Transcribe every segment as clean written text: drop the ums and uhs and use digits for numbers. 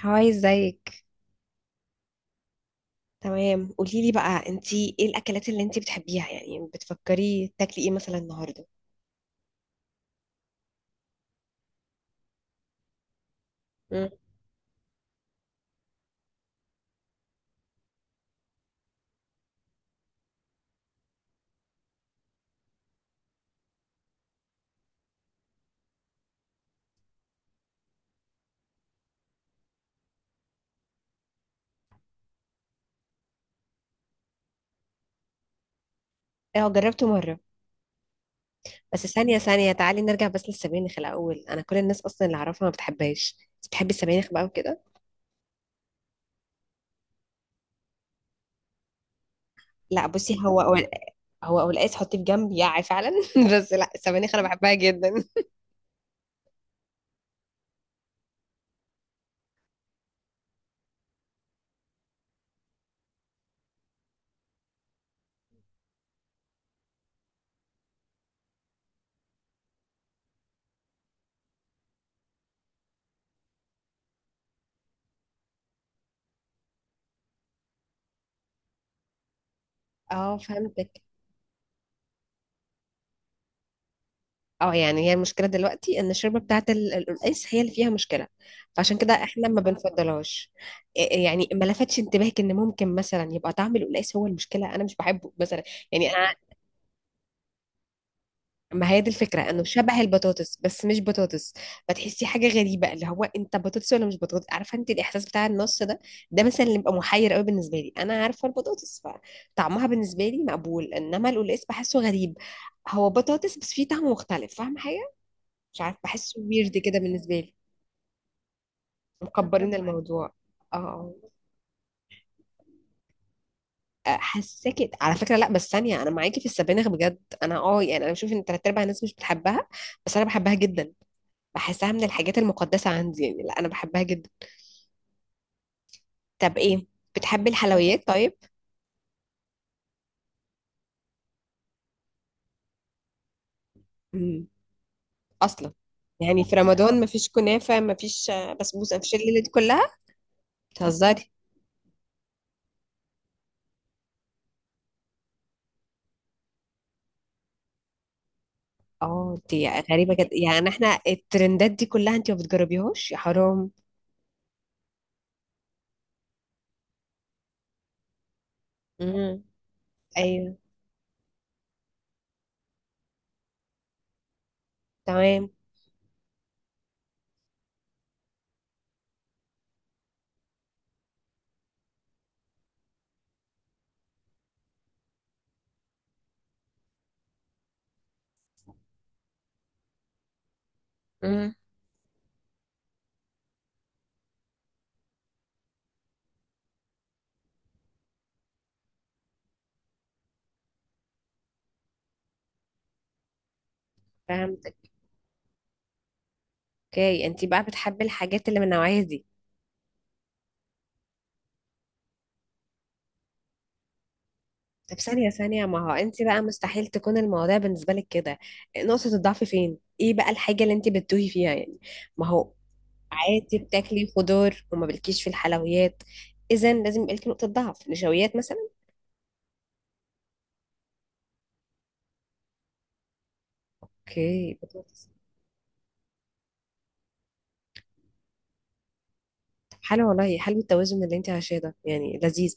هاي، ازيك؟ تمام، قولي لي بقى انتي ايه الاكلات اللي انتي بتحبيها، يعني بتفكري تاكلي ايه مثلا النهارده؟ امم. اه، جربته مره. بس ثانيه ثانيه، تعالي نرجع بس للسبانخ الاول. انا كل الناس اصلا اللي اعرفها ما بتحبهاش، بس بتحبي السبانخ بقى وكده؟ لا بصي، هو قلقاس حطيه في جنب، يعي فعلا. بس لا، السبانخ انا بحبها جدا. اه، فهمتك. اه، يعني هي المشكلة دلوقتي ان الشوربة بتاعة القلقاس هي اللي فيها مشكلة، فعشان كده احنا ما بنفضلهاش. إيه، يعني ما لفتش انتباهك ان ممكن مثلا يبقى طعم القلقاس هو المشكلة؟ انا مش بحبه مثلا. يعني انا. ما هي دي الفكرة، انه شبه البطاطس بس مش بطاطس. فتحسي حاجة غريبة، اللي هو انت بطاطس ولا مش بطاطس؟ عارفة انت الاحساس بتاع النص ده؟ ده مثلا اللي بيبقى محير قوي بالنسبة لي. انا عارفة البطاطس، فطعمها بالنسبة لي مقبول، انما القلقاس بحسه غريب. هو بطاطس بس فيه طعم مختلف، فاهمة؟ مش عارف، بحسه ويرد كده بالنسبة لي. اتفق، مكبرين معاك الموضوع. اه. حساكي على فكرة. لا بس ثانية، انا معاكي في السبانخ بجد. انا يعني انا بشوف ان تلات ارباع الناس مش بتحبها، بس انا بحبها جدا. بحسها من الحاجات المقدسة عندي، يعني لا، انا بحبها جدا. طب ايه؟ بتحبي الحلويات طيب؟ امم. اصلا. يعني في رمضان مفيش كنافة، مفيش بسبوسة، مفيش الليلة دي كلها؟ بتهزري؟ اه، دي غريبة جدا، يعني احنا الترندات دي كلها انت ما بتجربيهاش؟ يا حرام. امم. ايوه. تمام. امم. فهمت. اوكي، انت بقى بتحبي الحاجات اللي من النوعيه دي. طب ثانيه ثانيه، ما هو انت بقى مستحيل تكون المواضيع بالنسبه لك كده. نقطه الضعف فين؟ ايه بقى الحاجه اللي انت بتتوهي فيها يعني؟ ما هو. عادي بتاكلي خضار وما بلكيش في الحلويات. اذا لازم يبقى لك نقطه ضعف، نشويات مثلا؟ اوكي، بطاطس. طب حلو، والله حلو التوازن اللي انت عايشاه ده، يعني لذيذ.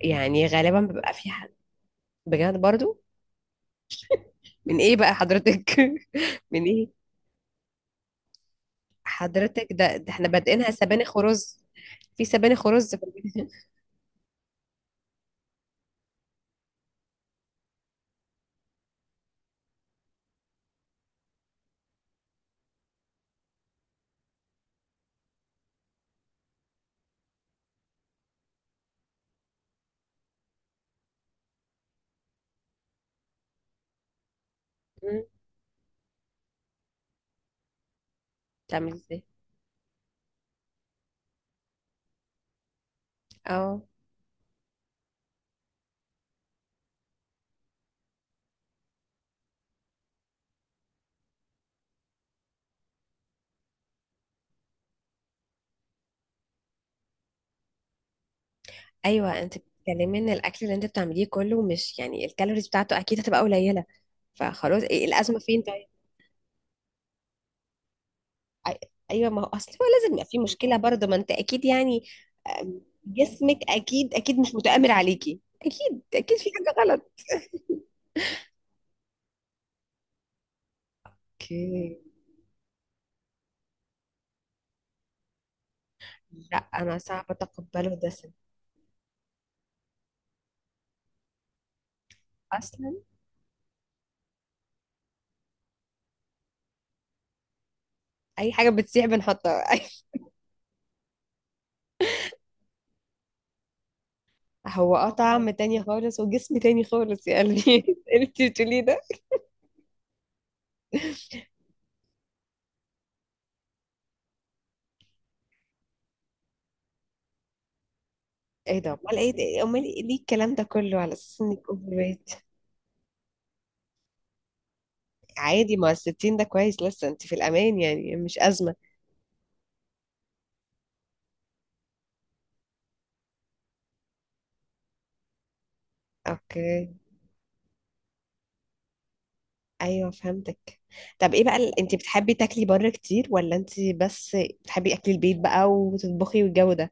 يعني غالبا بيبقى في حد. بجد برضو؟ من ايه بقى حضرتك؟ من ايه؟ حضرتك، ده احنا بادئينها سبانخ ورز؟ في سبانخ ورز في البيت؟ مم. بتعملي ازاي؟ اه. ايوه، انت بتتكلمي ان الاكل اللي انت بتعمليه كله مش يعني الكالوريز بتاعته اكيد هتبقى قليله. فخلاص، إيه الازمه فين طيب؟ أي- ايوه، ما هو اصل هو لازم يبقى في مشكله برضه، ما انت اكيد يعني. جسمك اكيد اكيد مش متآمر عليكي، اكيد اكيد في حاجه غلط. اوكي. لا، انا صعب اتقبله دسم. اصلا. اي حاجه بتسيح بنحطها. هو طعم تاني خالص وجسم تاني خالص يا قلبي. انت بتقولي ده. ايه ده؟ امال ايه ده؟ امال ليه الكلام ده كله على اساس انك اوفر ويت؟ عادي، ما هو 60 ده كويس، لسه انت في الامان يعني، مش ازمه. اوكي. ايوه، فهمتك. طب ايه بقى انت بتحبي تاكلي بره كتير، ولا انت بس بتحبي اكل البيت بقى وتطبخي والجو ده؟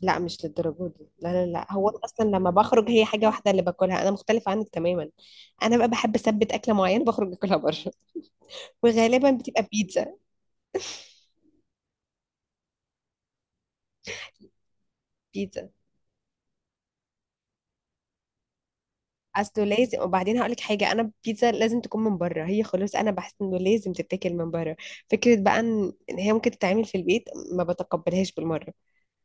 لا، مش للدرجه دي. لا لا لا، هو انا اصلا لما بخرج هي حاجه واحده اللي باكلها، انا مختلفه عنك تماما. انا بقى بحب اثبت اكله معينه بخرج اكلها بره. وغالبا بتبقى بيتزا. بيتزا. اصله لازم. وبعدين هقول لك حاجه، انا البيتزا لازم تكون من بره، هي خلاص انا بحس انه لازم تتاكل من بره. فكره بقى ان هي ممكن تتعمل في البيت، ما بتقبلهاش بالمره.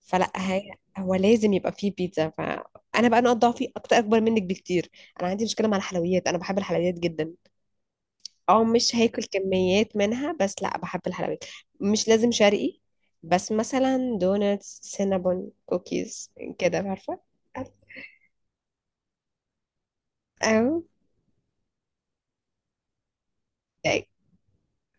فلا هي، هو لازم يبقى فيه بيتزا. فانا بقى نقط ضعفي اكتر، اكبر منك بكتير. انا عندي مشكله مع الحلويات، انا بحب الحلويات جدا. اه، مش هاكل كميات منها بس، لا بحب الحلويات. مش لازم شرقي، بس مثلا دونتس، سينابون، كوكيز، كده عارفه؟ او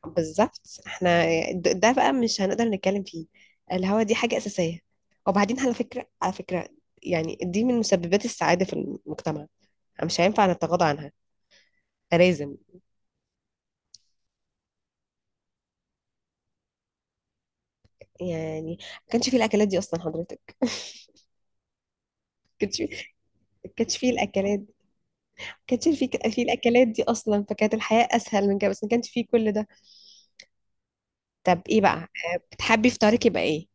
بالظبط، احنا ده بقى مش هنقدر نتكلم فيه. الهوا دي حاجة أساسية. وبعدين على فكرة، يعني دي من مسببات السعادة في المجتمع، مش هينفع نتغاضى عنها، لازم. يعني ما كانش فيه الأكلات دي أصلا حضرتك، ما كانش فيه. ما كانش فيه الأكلات، ما كانش فيه الأكلات دي أصلا، فكانت الحياة أسهل من كده، بس ما كانش فيه كل ده. طب إيه بقى، بتحبي فطارك يبقى إيه؟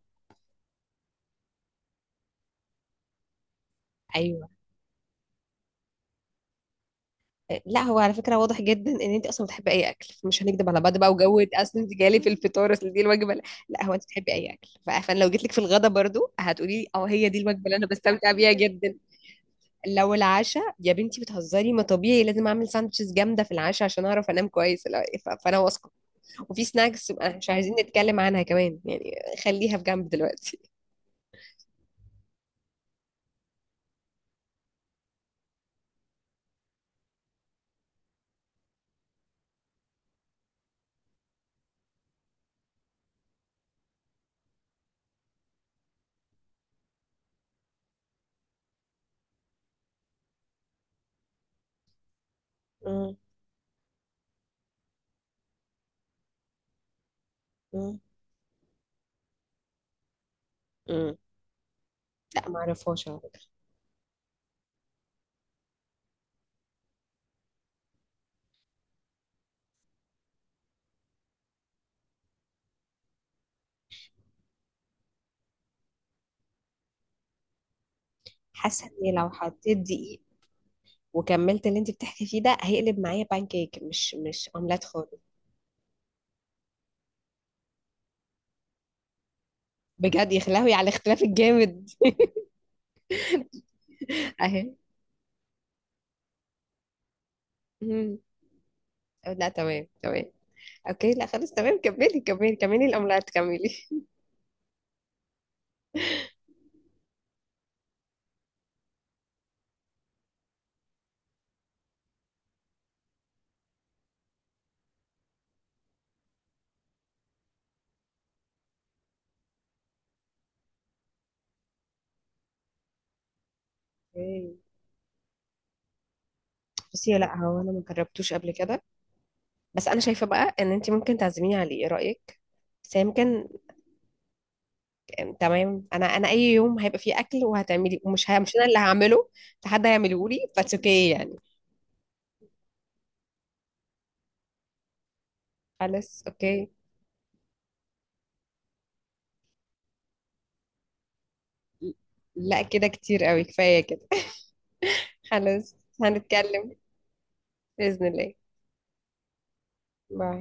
أيوه. لا هو على فكرة واضح جدا ان انت اصلا بتحبي اي اكل، مش هنكدب على بعض بقى. وجو، اصل انت جالي في الفطار، اصل دي الوجبة، لا. لا هو انت بتحبي اي اكل، فانا لو جيت لك في الغدا برضو هتقولي لي اه هي دي الوجبة اللي انا بستمتع بيها جدا. لو العشاء يا بنتي بتهزري، ما طبيعي لازم اعمل ساندوتشز جامدة في العشاء عشان اعرف انام كويس. لا، فانا واثقة. وفي سناكس مش عايزين نتكلم عنها كمان يعني. خليها في جنب دلوقتي. مم. مم. امم. لا، ما اعرفهاش على فكرة. حاسة اني لو حطيت دقيق وكملت اللي انت بتحكي فيه ده هيقلب معايا بانكيك، مش اومليت خالص. بجد يا خلاوي على الاختلاف الجامد. اهي. مم. لا، تمام تمام. اوكي، لا خلاص، تمام، كملي كملي كملي الاومليت، كملي. اوكي. بصي، لا هو انا ما جربتوش قبل كده. بس انا شايفه بقى ان انت ممكن تعزميني عليه، ايه رايك؟ بس هي يمكن. تمام، انا اي يوم هيبقى فيه اكل وهتعملي ومش مش انا اللي هعمله. ده حد هيعمله لي بس، اوكي يعني. خلاص، اوكي. لا كده كتير قوي، كفايه كده. خلاص. هنتكلم. بإذن الله. باي.